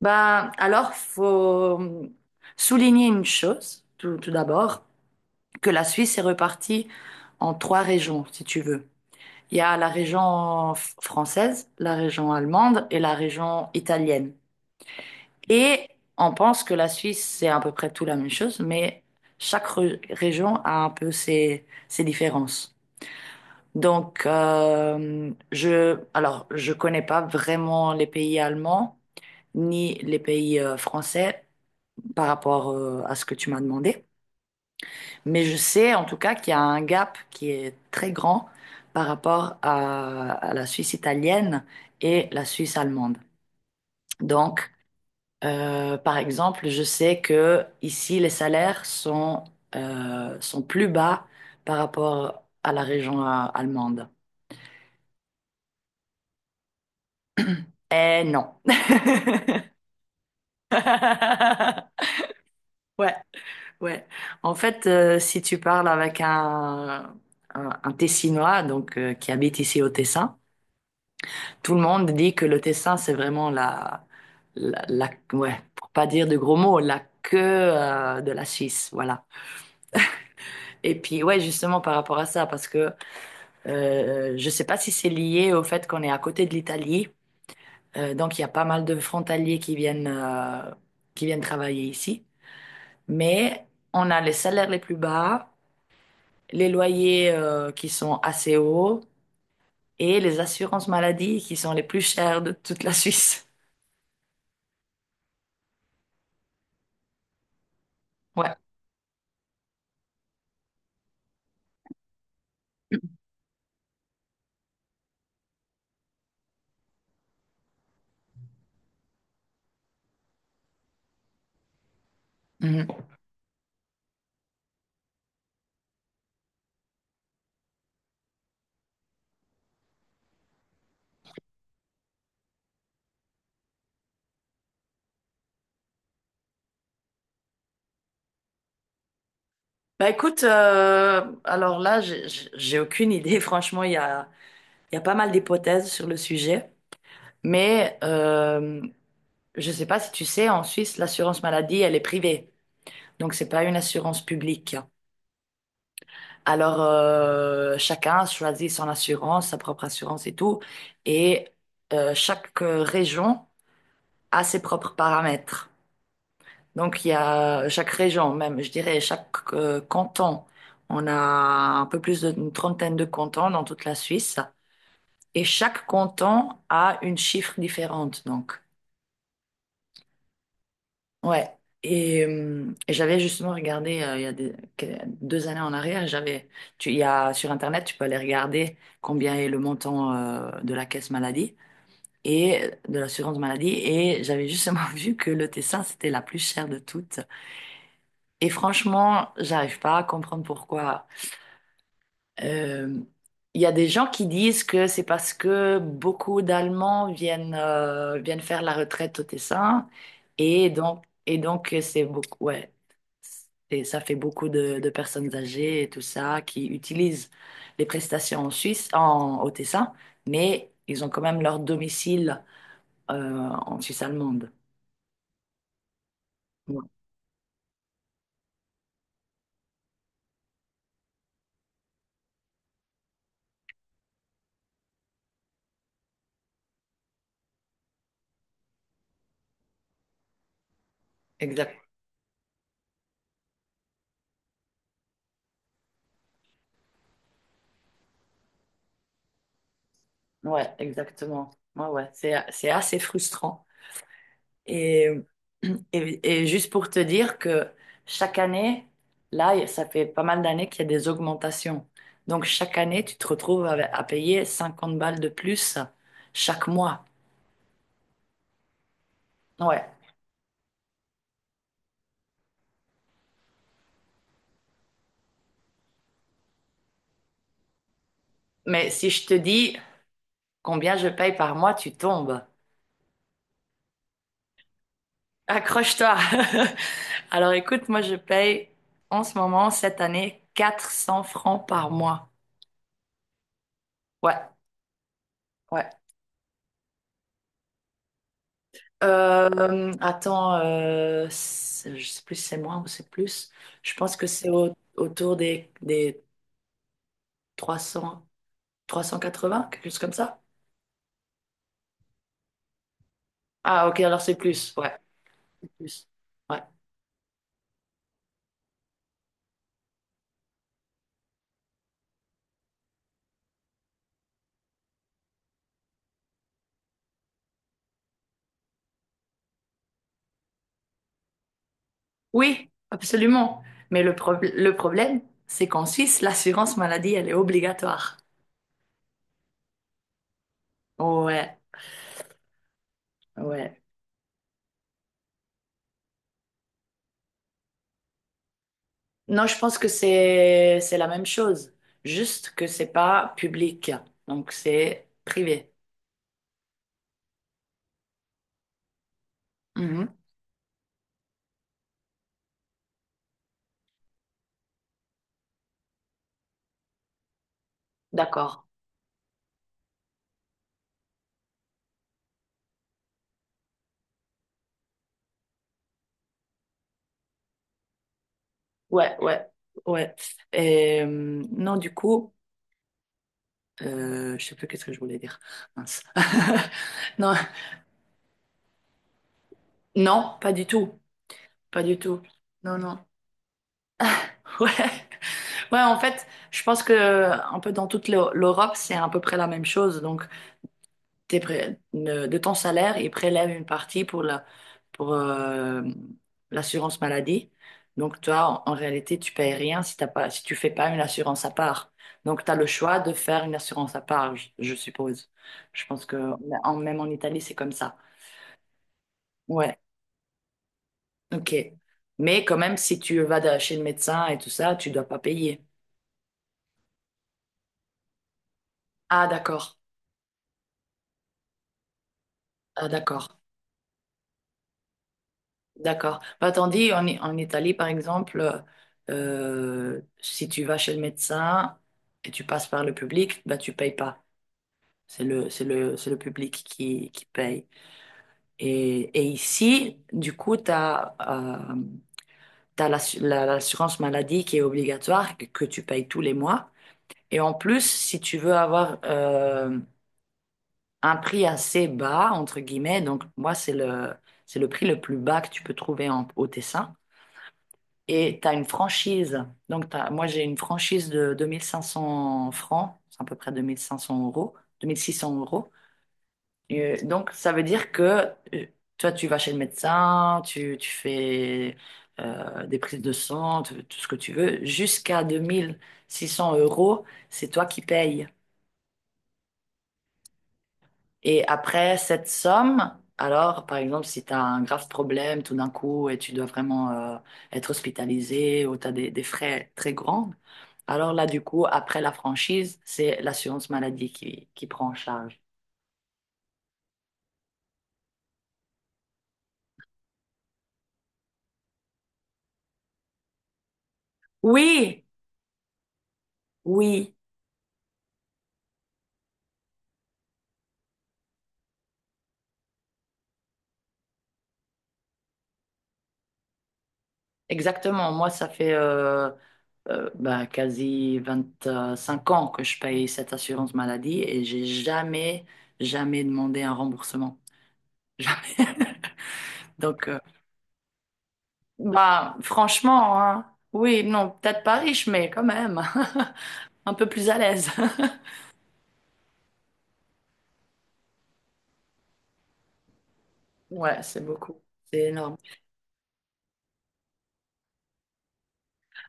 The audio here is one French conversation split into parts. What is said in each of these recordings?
Ben, alors, faut souligner une chose, tout d'abord, que la Suisse est repartie en trois régions, si tu veux. Il y a la région française, la région allemande et la région italienne. Et on pense que la Suisse, c'est à peu près tout la même chose, mais chaque région a un peu ses différences. Donc, alors, je connais pas vraiment les pays allemands ni les pays français, par rapport à ce que tu m'as demandé. Mais je sais en tout cas qu'il y a un gap qui est très grand par rapport à la Suisse italienne et la Suisse allemande. Donc, par exemple, je sais que ici, les salaires sont plus bas par rapport à la région allemande. Eh non. Ouais. Ouais. En fait, si tu parles avec un Tessinois donc qui habite ici au Tessin, tout le monde dit que le Tessin c'est vraiment ouais, pour pas dire de gros mots, la queue de la Suisse, voilà. Et puis ouais, justement par rapport à ça, parce que je sais pas si c'est lié au fait qu'on est à côté de l'Italie, donc il y a pas mal de frontaliers qui viennent qui viennent travailler ici, mais on a les salaires les plus bas, les loyers qui sont assez hauts et les assurances maladie qui sont les plus chères de toute la Suisse. Ouais. Mhm. Bah écoute, alors là, j'ai aucune idée. Franchement, il y a pas mal d'hypothèses sur le sujet. Mais je sais pas si tu sais, en Suisse, l'assurance maladie, elle est privée. Donc, c'est pas une assurance publique. Alors, chacun choisit son assurance, sa propre assurance et tout. Et chaque région a ses propres paramètres. Donc, il y a chaque région, même, je dirais, chaque canton. On a un peu plus d'une trentaine de cantons dans toute la Suisse. Et chaque canton a une chiffre différente, donc. Ouais. Et j'avais justement regardé, il y a des- que- deux années en arrière, j'avais, tu, il y a, sur Internet, tu peux aller regarder combien est le montant, de la caisse maladie et de l'assurance maladie. Et j'avais justement vu que le Tessin, c'était la plus chère de toutes. Et franchement, j'arrive pas à comprendre pourquoi. Euh, Il y a des gens qui disent que c'est parce que beaucoup d'Allemands viennent, viennent faire la retraite au Tessin et donc c'est beaucoup, ouais, et ça fait beaucoup de personnes âgées et tout ça qui utilisent les prestations en Suisse, au Tessin, mais ils ont quand même leur domicile, en Suisse allemande. Ouais, exact, ouais, exactement. Ouais, ouais, c'est assez frustrant. Et, et juste pour te dire que chaque année, là, ça fait pas mal d'années qu'il y a des augmentations. Donc chaque année, tu te retrouves à payer 50 balles de plus chaque mois. Ouais. Mais si je te dis combien je paye par mois, tu tombes. Accroche-toi. Alors écoute, moi je paye en ce moment, cette année, 400 francs par mois. Ouais, ouais. Je sais plus si c'est moins ou c'est plus. Je pense que c'est autour des 300, 380 quelque chose comme ça. Ah, ok, alors c'est plus, ouais. C'est plus. Ouais. Oui, absolument. Mais le problème, c'est qu'en Suisse, l'assurance maladie, elle est obligatoire. Ouais, ouais. Non, je pense que c'est la même chose, juste que c'est pas public, donc c'est privé. Mhm. D'accord. Ouais, ouais, ouais. Et, non, du coup, je sais plus qu'est-ce que je voulais dire. Mince. Non, non, pas du tout, pas du tout. Non, non. Ouais, ouais. En fait, je pense que un peu dans toute l'Europe, c'est à peu près la même chose. Donc, tes pré- ne- de ton salaire et prélève une partie pour l'assurance maladie. Donc, toi, en réalité, tu payes rien si t'as pas, si tu fais pas une assurance à part. Donc, tu as le choix de faire une assurance à part, je suppose. Je pense que même en Italie, c'est comme ça. Ouais, ok. Mais quand même, si tu vas chez le médecin et tout ça, tu dois pas payer. Ah, d'accord. Ah, d'accord. D'accord. Bah, tandis en Italie, par exemple, si tu vas chez le médecin et tu passes par le public, bah, tu payes pas. C'est c'est le public qui paye. Et ici, du coup, tu as l'assurance maladie qui est obligatoire, que tu payes tous les mois. Et en plus, si tu veux avoir un prix assez bas, entre guillemets, donc moi, c'est c'est le prix le plus bas que tu peux trouver au Tessin. Et tu as une franchise. Donc, moi, j'ai une franchise de 2500 francs, c'est à peu près 2500 euros, 2600 euros. Et donc, ça veut dire que euh, toi, tu vas chez le médecin, tu fais des prises de sang, tout ce que tu veux. Jusqu'à 2600 euros, c'est toi qui payes. Et après cette somme, alors, par exemple, si tu as un grave problème tout d'un coup et tu dois vraiment euh, être hospitalisé ou tu as des frais très grands, alors là, du coup, après la franchise, c'est l'assurance maladie qui prend en charge. Oui, oui, exactement. Moi, ça fait ben, quasi 25 ans que je paye cette assurance maladie et j'ai jamais, jamais demandé un remboursement. Jamais. Donc, bah, franchement, hein. Oui, non, peut-être pas riche, mais quand même, un peu plus à l'aise. Ouais, c'est beaucoup. C'est énorme.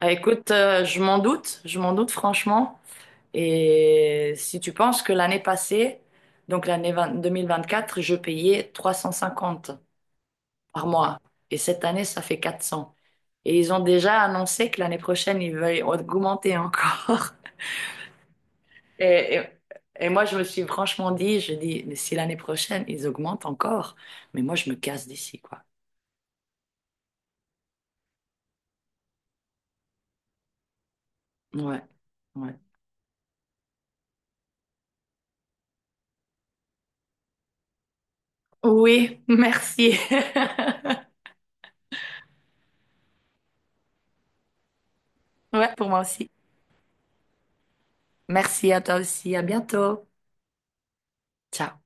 Ah, écoute, je m'en doute franchement. Et si tu penses que l'année passée, donc l'année 20 2024, je payais 350 par mois. Et cette année, ça fait 400. Et ils ont déjà annoncé que l'année prochaine, ils veulent augmenter encore. Et, et, et moi, je me suis franchement dit, je dis, mais si l'année prochaine, ils augmentent encore, mais moi, je me casse d'ici, quoi. Ouais, ouais. Oui, merci. Ouais, pour moi aussi. Merci à toi aussi. À bientôt. Ciao.